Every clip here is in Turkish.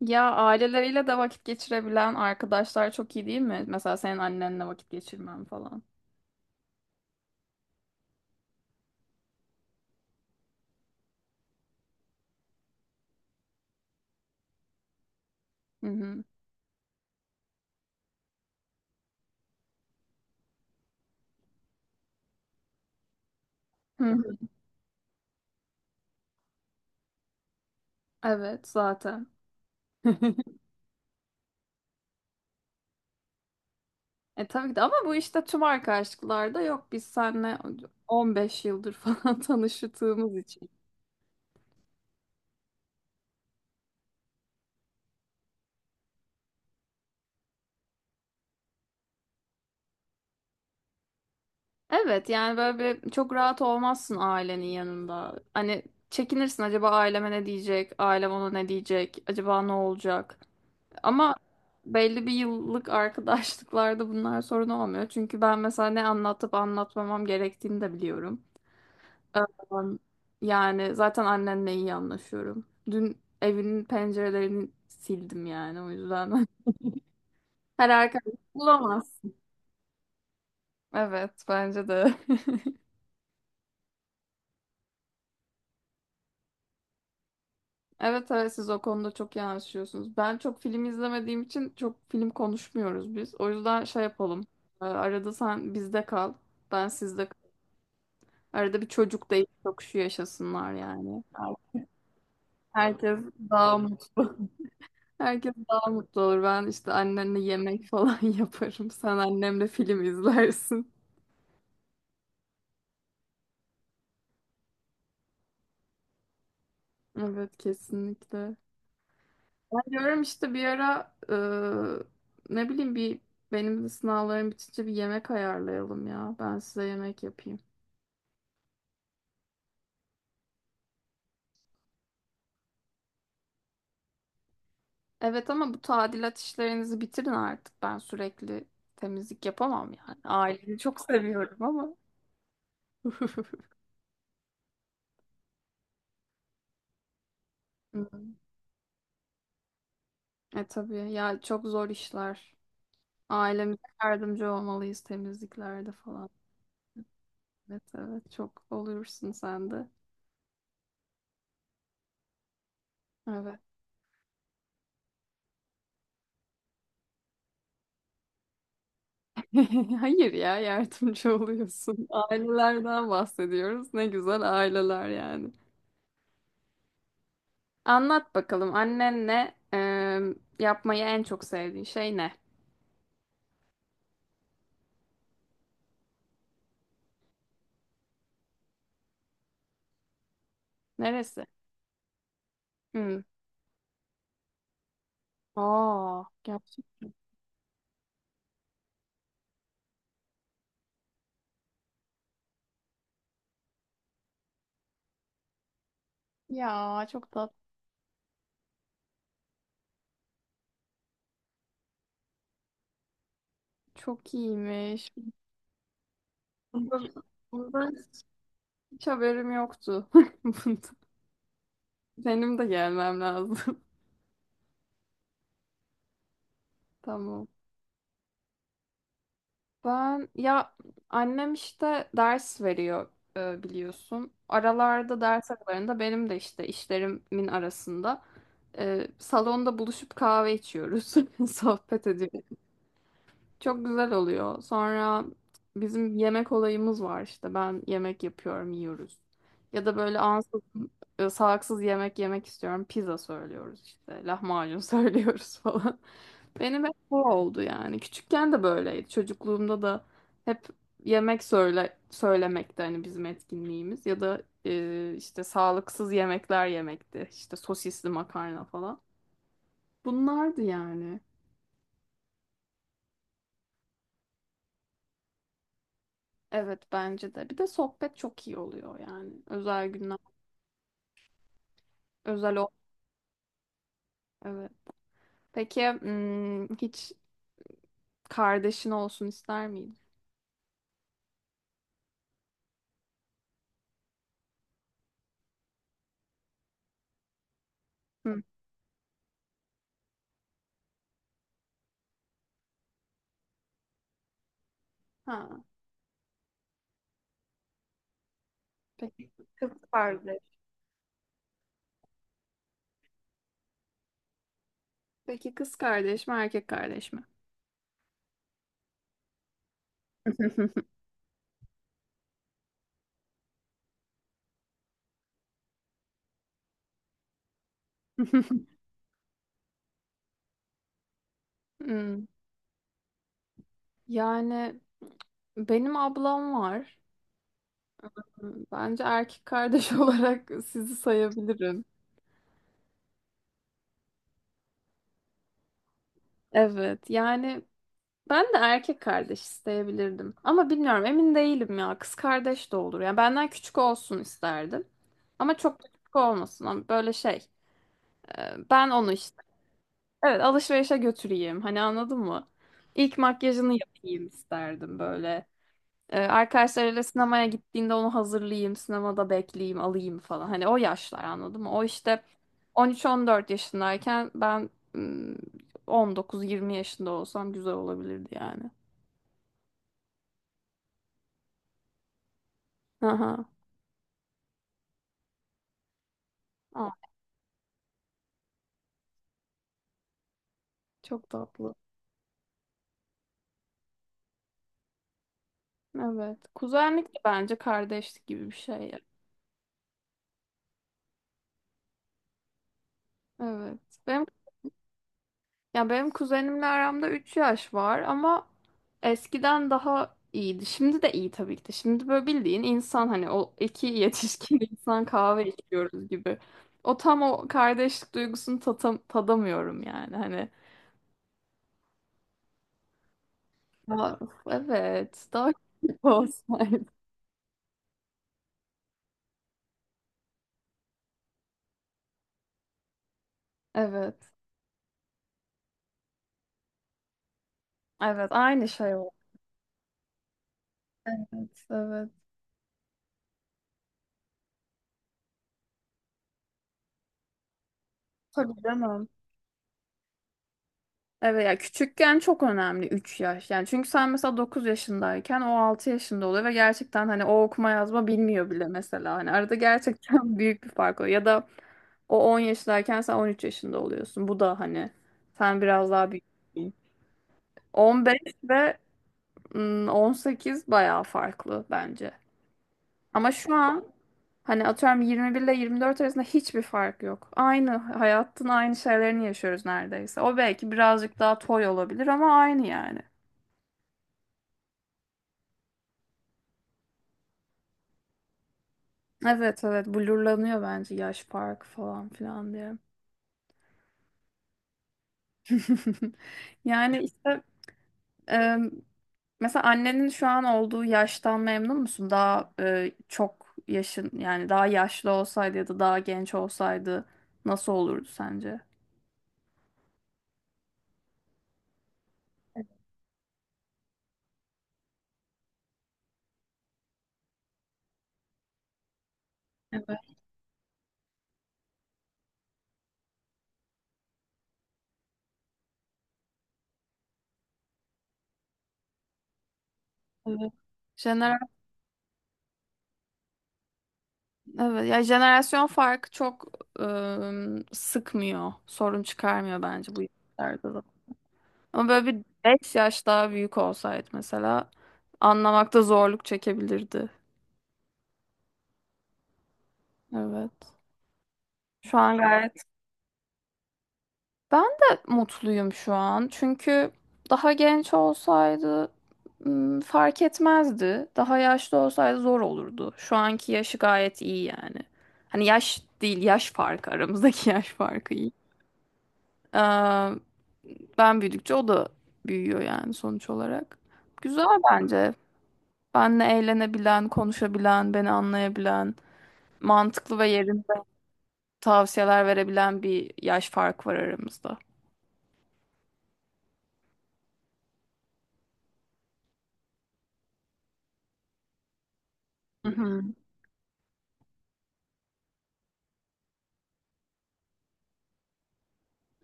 Ya aileleriyle de vakit geçirebilen arkadaşlar çok iyi değil mi? Mesela senin annenle vakit geçirmem falan. Hı hı. Hı hı. Evet zaten. E tabii ki de ama bu işte tüm arkadaşlıklarda yok. Biz seninle 15 yıldır falan tanıştığımız için. Evet yani böyle bir çok rahat olmazsın ailenin yanında. Hani çekinirsin acaba aileme ne diyecek? Ailem ona ne diyecek? Acaba ne olacak? Ama belli bir yıllık arkadaşlıklarda bunlar sorun olmuyor. Çünkü ben mesela ne anlatıp anlatmamam gerektiğini de biliyorum. Ee, Yani zaten annenle iyi anlaşıyorum. Dün evinin pencerelerini sildim yani o yüzden. Her arkadaş bulamazsın. Evet bence de. Evet, evet, siz o konuda çok iyi anlaşıyorsunuz. Ben çok film izlemediğim için çok film konuşmuyoruz biz. O yüzden şey yapalım. Arada sen bizde kal. Ben sizde. Arada bir çocuk da şu yaşasınlar yani. Herkes daha mutlu. Herkes daha mutlu olur. Ben işte annenle yemek falan yaparım. Sen annemle film izlersin. Evet kesinlikle. Ben diyorum işte bir ara ne bileyim bir benim de sınavlarım bitince bir yemek ayarlayalım ya. Ben size yemek yapayım. Evet ama bu tadilat işlerinizi bitirin artık. Ben sürekli temizlik yapamam yani. Ailemi çok seviyorum ama. E tabii ya çok zor işler. Ailemize yardımcı olmalıyız temizliklerde falan. Evet, evet, çok oluyorsun sen de. Evet. Hayır ya yardımcı oluyorsun. Ailelerden bahsediyoruz. Ne güzel aileler yani. Anlat bakalım annenle yapmayı en çok sevdiğin şey ne? Neresi? Hmm. Aa, gerçekten. Ya çok tatlı. Çok iyiymiş. Bundan, bundan hiç haberim yoktu. Bundan. Benim de gelmem lazım. Tamam. Ben ya annem işte ders veriyor biliyorsun. Aralarda ders aralarında benim de işte işlerimin arasında salonda buluşup kahve içiyoruz. Sohbet ediyoruz. Çok güzel oluyor. Sonra bizim yemek olayımız var işte. Ben yemek yapıyorum, yiyoruz. Ya da böyle ansızın salaksız yemek yemek istiyorum. Pizza söylüyoruz işte. Lahmacun söylüyoruz falan. Benim hep bu oldu yani. Küçükken de böyleydi. Çocukluğumda da hep yemek söyle söylemekti hani bizim etkinliğimiz. Ya da işte sağlıksız yemekler yemekti. İşte sosisli makarna falan. Bunlardı yani. Evet bence de. Bir de sohbet çok iyi oluyor yani. Özel günler. Özel o. Evet. Peki hiç kardeşin olsun ister miydin? Hı. Ha. Peki kız kardeş. Peki kız kardeş mi erkek kardeş mi? Hmm. Yani benim ablam var. Bence erkek kardeş olarak sizi sayabilirim. Evet. Yani ben de erkek kardeş isteyebilirdim. Ama bilmiyorum emin değilim ya. Kız kardeş de olur. Yani benden küçük olsun isterdim. Ama çok da küçük olmasın. Ama böyle şey. Ben onu işte. Evet alışverişe götüreyim. Hani anladın mı? İlk makyajını yapayım isterdim böyle. Arkadaşlarıyla sinemaya gittiğinde onu hazırlayayım. Sinemada bekleyeyim alayım falan. Hani o yaşlar anladın mı? O işte 13-14 yaşındayken ben 19-20 yaşında olsam güzel olabilirdi yani. Aha. Çok tatlı. Evet. Kuzenlik de bence kardeşlik gibi bir şey, ya. Evet. Benim, ya benim kuzenimle aramda 3 yaş var ama eskiden daha iyiydi. Şimdi de iyi tabii ki de. Şimdi böyle bildiğin insan, hani o iki yetişkin insan kahve içiyoruz gibi. O tam o kardeşlik duygusunu tadamıyorum yani hani. Ya, evet. Daha küçük olsaydı. Evet. Evet. Aynı şey o. Evet. Evet. Tabii canım. Evet ya, küçükken çok önemli 3 yaş. Yani çünkü sen mesela 9 yaşındayken o 6 yaşında oluyor ve gerçekten hani o okuma yazma bilmiyor bile mesela. Hani arada gerçekten büyük bir fark oluyor. Ya da o 10 yaşındayken sen 13 yaşında oluyorsun. Bu da hani sen biraz daha büyük. 15 ve 18 bayağı farklı bence. Ama şu an hani atıyorum 21 ile 24 arasında hiçbir fark yok. Aynı hayatın aynı şeylerini yaşıyoruz neredeyse. O belki birazcık daha toy olabilir ama aynı yani. Evet, evet, blurlanıyor bence yaş farkı falan filan diye. Yani işte e, mesela annenin şu an olduğu yaştan memnun musun? Daha çok yaşın yani daha yaşlı olsaydı ya da daha genç olsaydı nasıl olurdu sence? Evet, evet. Jenera evet. Ya jenerasyon farkı çok e, sıkmıyor, sorun çıkarmıyor bence bu yaşlarda. Ama böyle bir 5 yaş daha büyük olsaydı mesela anlamakta zorluk çekebilirdi. Evet. Şu an gayet ben de mutluyum şu an. Çünkü daha genç olsaydı fark etmezdi. Daha yaşlı olsaydı zor olurdu. Şu anki yaşı gayet iyi yani. Hani yaş değil, yaş farkı, aramızdaki yaş farkı iyi. Ee, ben büyüdükçe o da büyüyor yani sonuç olarak. Güzel bence. Benle eğlenebilen, konuşabilen, beni anlayabilen, mantıklı ve yerinde tavsiyeler verebilen bir yaş farkı var aramızda. Hı hı.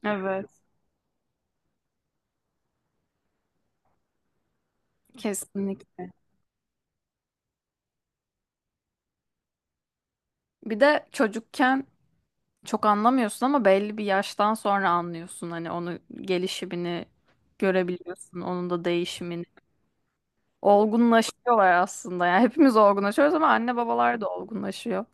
Evet. Kesinlikle. Bir de çocukken çok anlamıyorsun ama belli bir yaştan sonra anlıyorsun. Hani onu gelişimini görebiliyorsun, onun da değişimini. Olgunlaşıyorlar aslında. Yani hepimiz olgunlaşıyoruz ama anne babalar da olgunlaşıyor.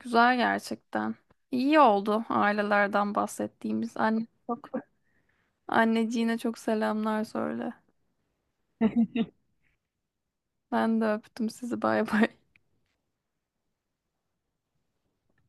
Güzel gerçekten. İyi oldu ailelerden bahsettiğimiz. Anneciğine çok selamlar söyle. Ben de öptüm sizi, bay bay.